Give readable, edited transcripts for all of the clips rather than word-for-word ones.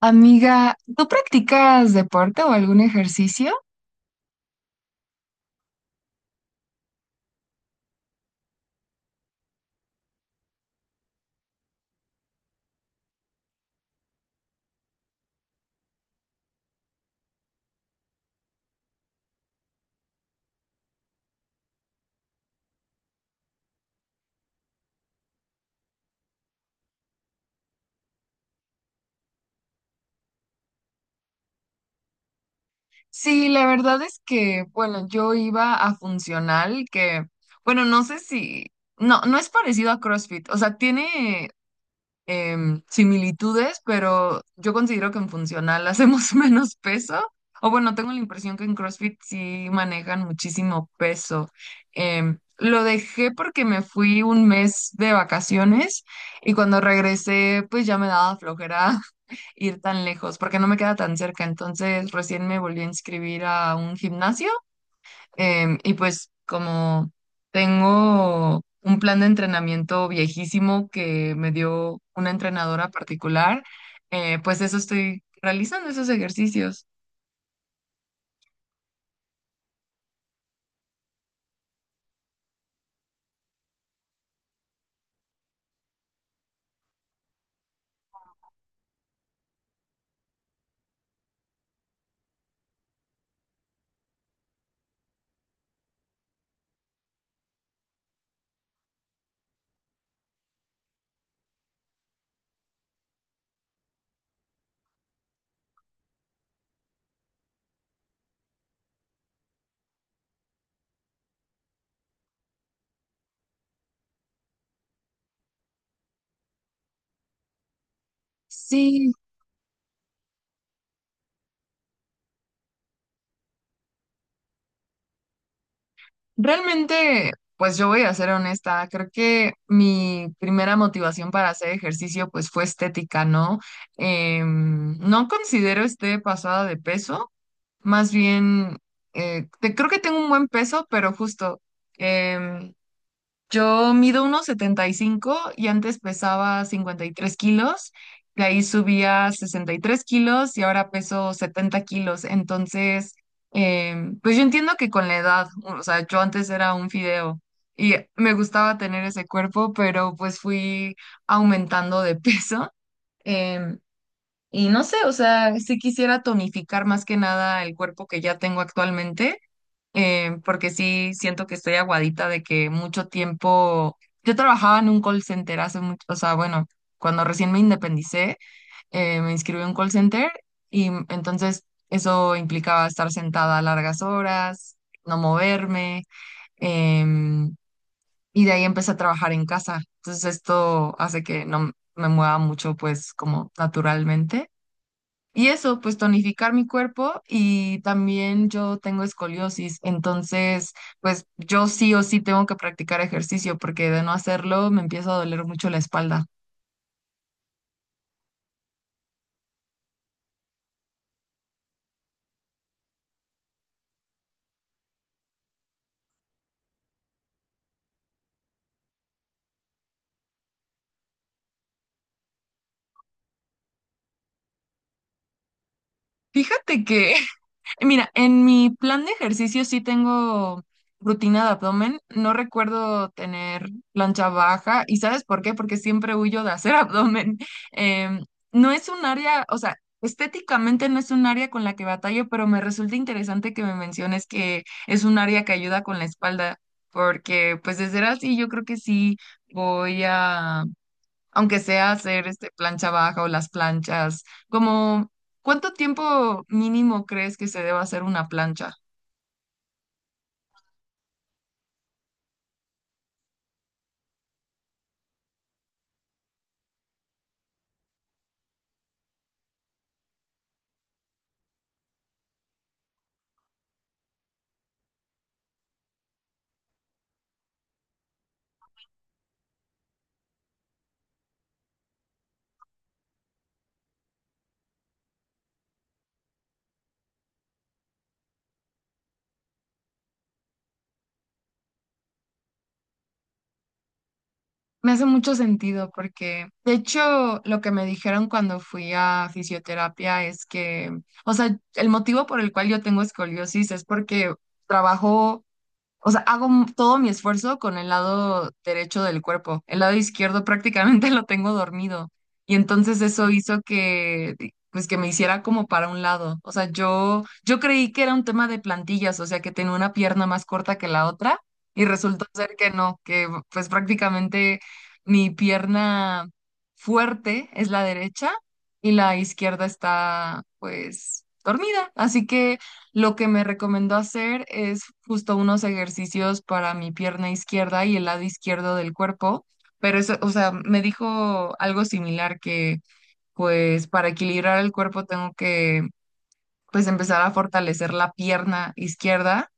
Amiga, ¿tú practicas deporte o algún ejercicio? Sí, la verdad es que, bueno, yo iba a funcional, que, bueno, no sé si, no, no es parecido a CrossFit, o sea, tiene similitudes, pero yo considero que en funcional hacemos menos peso. O bueno, tengo la impresión que en CrossFit sí manejan muchísimo peso. Lo dejé porque me fui un mes de vacaciones y cuando regresé, pues ya me daba flojera ir tan lejos porque no me queda tan cerca. Entonces recién me volví a inscribir a un gimnasio. Y pues como tengo un plan de entrenamiento viejísimo que me dio una entrenadora particular, pues eso estoy realizando, esos ejercicios. Sí, realmente, pues yo voy a ser honesta, creo que mi primera motivación para hacer ejercicio pues fue estética, ¿no? No considero esté pasada de peso, más bien, creo que tengo un buen peso, pero justo. Em, Yo mido unos 75 y antes pesaba 53 kilos, de ahí subía 3 kilos y ahora peso 70 kilos. Entonces, pues yo entiendo que con la edad, o sea, yo antes era un fideo y me gustaba tener ese cuerpo, pero pues fui aumentando de peso. em, y no sé, o sea, sí quisiera tonificar más que nada el cuerpo que ya tengo actualmente, porque sí siento que estoy aguadita de que mucho tiempo, yo trabajaba en un call center hace mucho, o sea, bueno, cuando recién me independicé, me inscribí en un call center y entonces eso implicaba estar sentada largas horas, no moverme, em, y de ahí empecé a trabajar en casa. Entonces esto hace que no me mueva mucho, pues como naturalmente. Y eso, pues tonificar mi cuerpo y también yo tengo escoliosis, entonces pues yo sí o sí tengo que practicar ejercicio porque de no hacerlo me empieza a doler mucho la espalda. Fíjate que mira, en mi plan de ejercicio sí tengo rutina de abdomen. No recuerdo tener plancha baja. ¿Y sabes por qué? Porque siempre huyo de hacer abdomen. Em, no es un área, o sea, estéticamente no es un área con la que batallo, pero me resulta interesante que me menciones que es un área que ayuda con la espalda, porque pues de ser así yo creo que sí voy a aunque sea hacer plancha baja o las planchas, como ¿cuánto tiempo mínimo crees que se deba hacer una plancha? Me hace mucho sentido porque, de hecho, lo que me dijeron cuando fui a fisioterapia es que, o sea, el motivo por el cual yo tengo escoliosis es porque trabajo. O sea, hago todo mi esfuerzo con el lado derecho del cuerpo. El lado izquierdo prácticamente lo tengo dormido. Y entonces eso hizo que, pues que me hiciera como para un lado. O sea, yo creí que era un tema de plantillas, o sea, que tenía una pierna más corta que la otra y resultó ser que no, que pues prácticamente mi pierna fuerte es la derecha y la izquierda está pues dormida. Así que. Lo que me recomendó hacer es justo unos ejercicios para mi pierna izquierda y el lado izquierdo del cuerpo, pero eso, o sea, me dijo algo similar que pues para equilibrar el cuerpo tengo que pues empezar a fortalecer la pierna izquierda,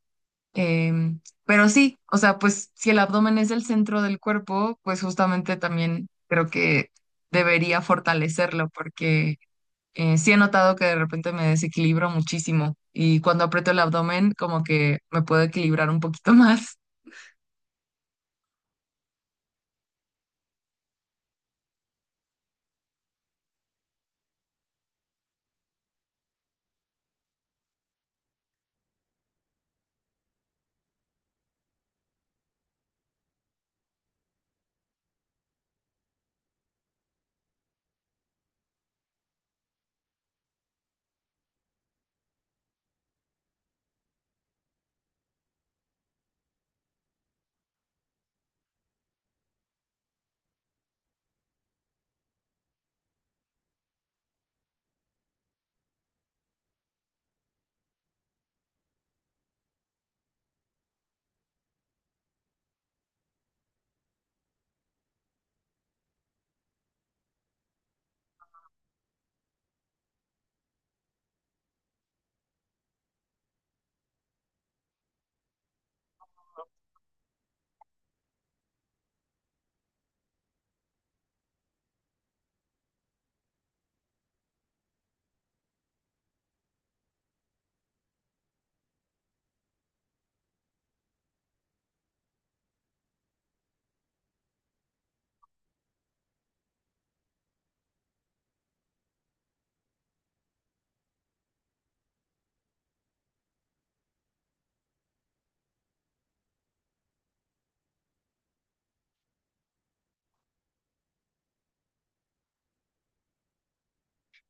pero sí, o sea, pues si el abdomen es el centro del cuerpo, pues justamente también creo que debería fortalecerlo porque sí he notado que de repente me desequilibro muchísimo y cuando aprieto el abdomen como que me puedo equilibrar un poquito más.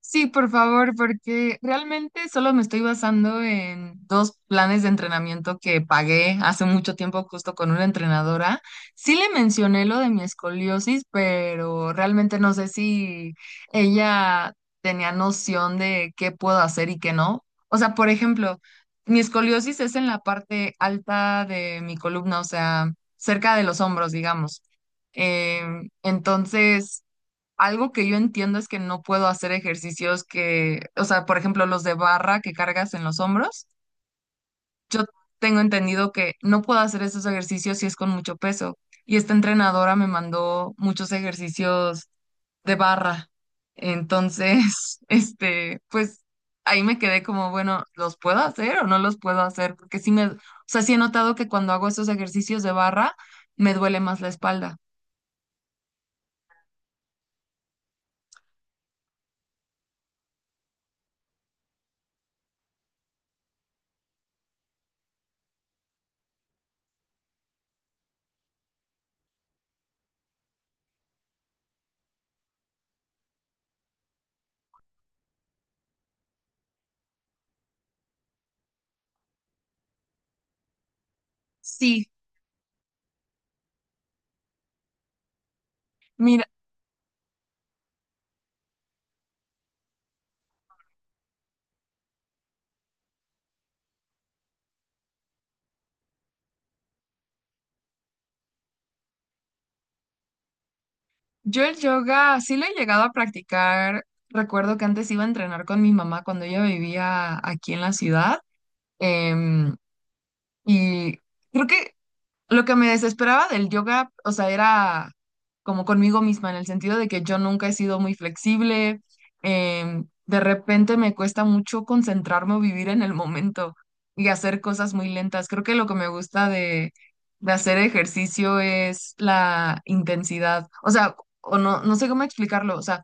Sí, por favor, porque realmente solo me estoy basando en dos planes de entrenamiento que pagué hace mucho tiempo justo con una entrenadora. Sí le mencioné lo de mi escoliosis, pero realmente no sé si ella tenía noción de qué puedo hacer y qué no. O sea, por ejemplo, mi escoliosis es en la parte alta de mi columna, o sea, cerca de los hombros, digamos. Entonces. Algo que yo entiendo es que no puedo hacer ejercicios que, o sea, por ejemplo, los de barra que cargas en los hombros. Yo tengo entendido que no puedo hacer esos ejercicios si es con mucho peso. Y esta entrenadora me mandó muchos ejercicios de barra. Entonces, pues ahí me quedé como, bueno, ¿los puedo hacer o no los puedo hacer? Porque o sea, sí he notado que cuando hago esos ejercicios de barra, me duele más la espalda. Sí. Mira, yo el yoga sí lo he llegado a practicar. Recuerdo que antes iba a entrenar con mi mamá cuando ella vivía aquí en la ciudad. em, y creo que lo que me desesperaba del yoga, o sea, era como conmigo misma, en el sentido de que yo nunca he sido muy flexible, de repente me cuesta mucho concentrarme o vivir en el momento y hacer cosas muy lentas. Creo que lo que me gusta de, hacer ejercicio es la intensidad, o sea, o no, no sé cómo explicarlo, o sea,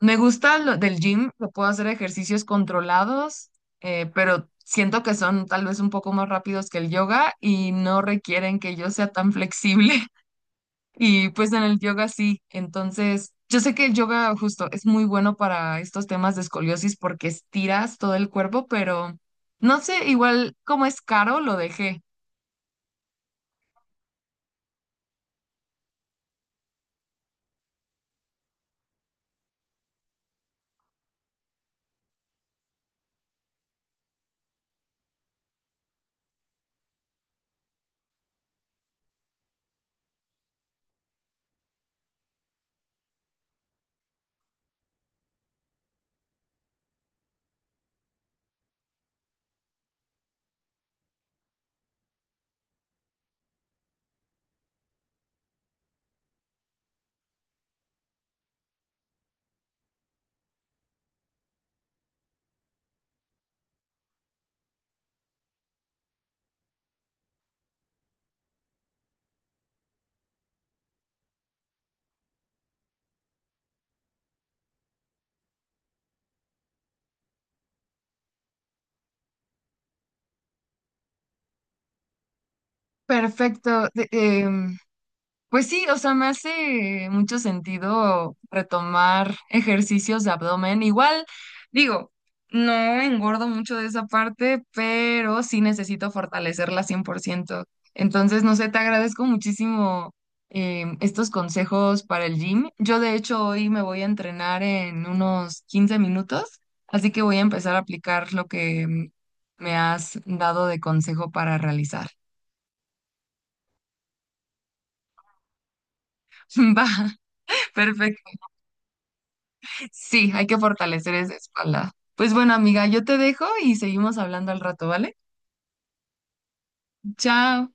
me gusta lo del gym, que puedo hacer ejercicios controlados, pero siento que son tal vez un poco más rápidos que el yoga y no requieren que yo sea tan flexible. Y pues en el yoga sí. Entonces, yo sé que el yoga justo es muy bueno para estos temas de escoliosis porque estiras todo el cuerpo, pero no sé, igual como es caro, lo dejé. Perfecto. Pues sí, o sea, me hace mucho sentido retomar ejercicios de abdomen. Igual, digo, no engordo mucho de esa parte, pero sí necesito fortalecerla 100%. Entonces, no sé, te agradezco muchísimo, estos consejos para el gym. Yo, de hecho, hoy me voy a entrenar en unos 15 minutos, así que voy a empezar a aplicar lo que me has dado de consejo para realizar. Va, perfecto. Sí, hay que fortalecer esa espalda. Pues bueno, amiga, yo te dejo y seguimos hablando al rato, ¿vale? Chao.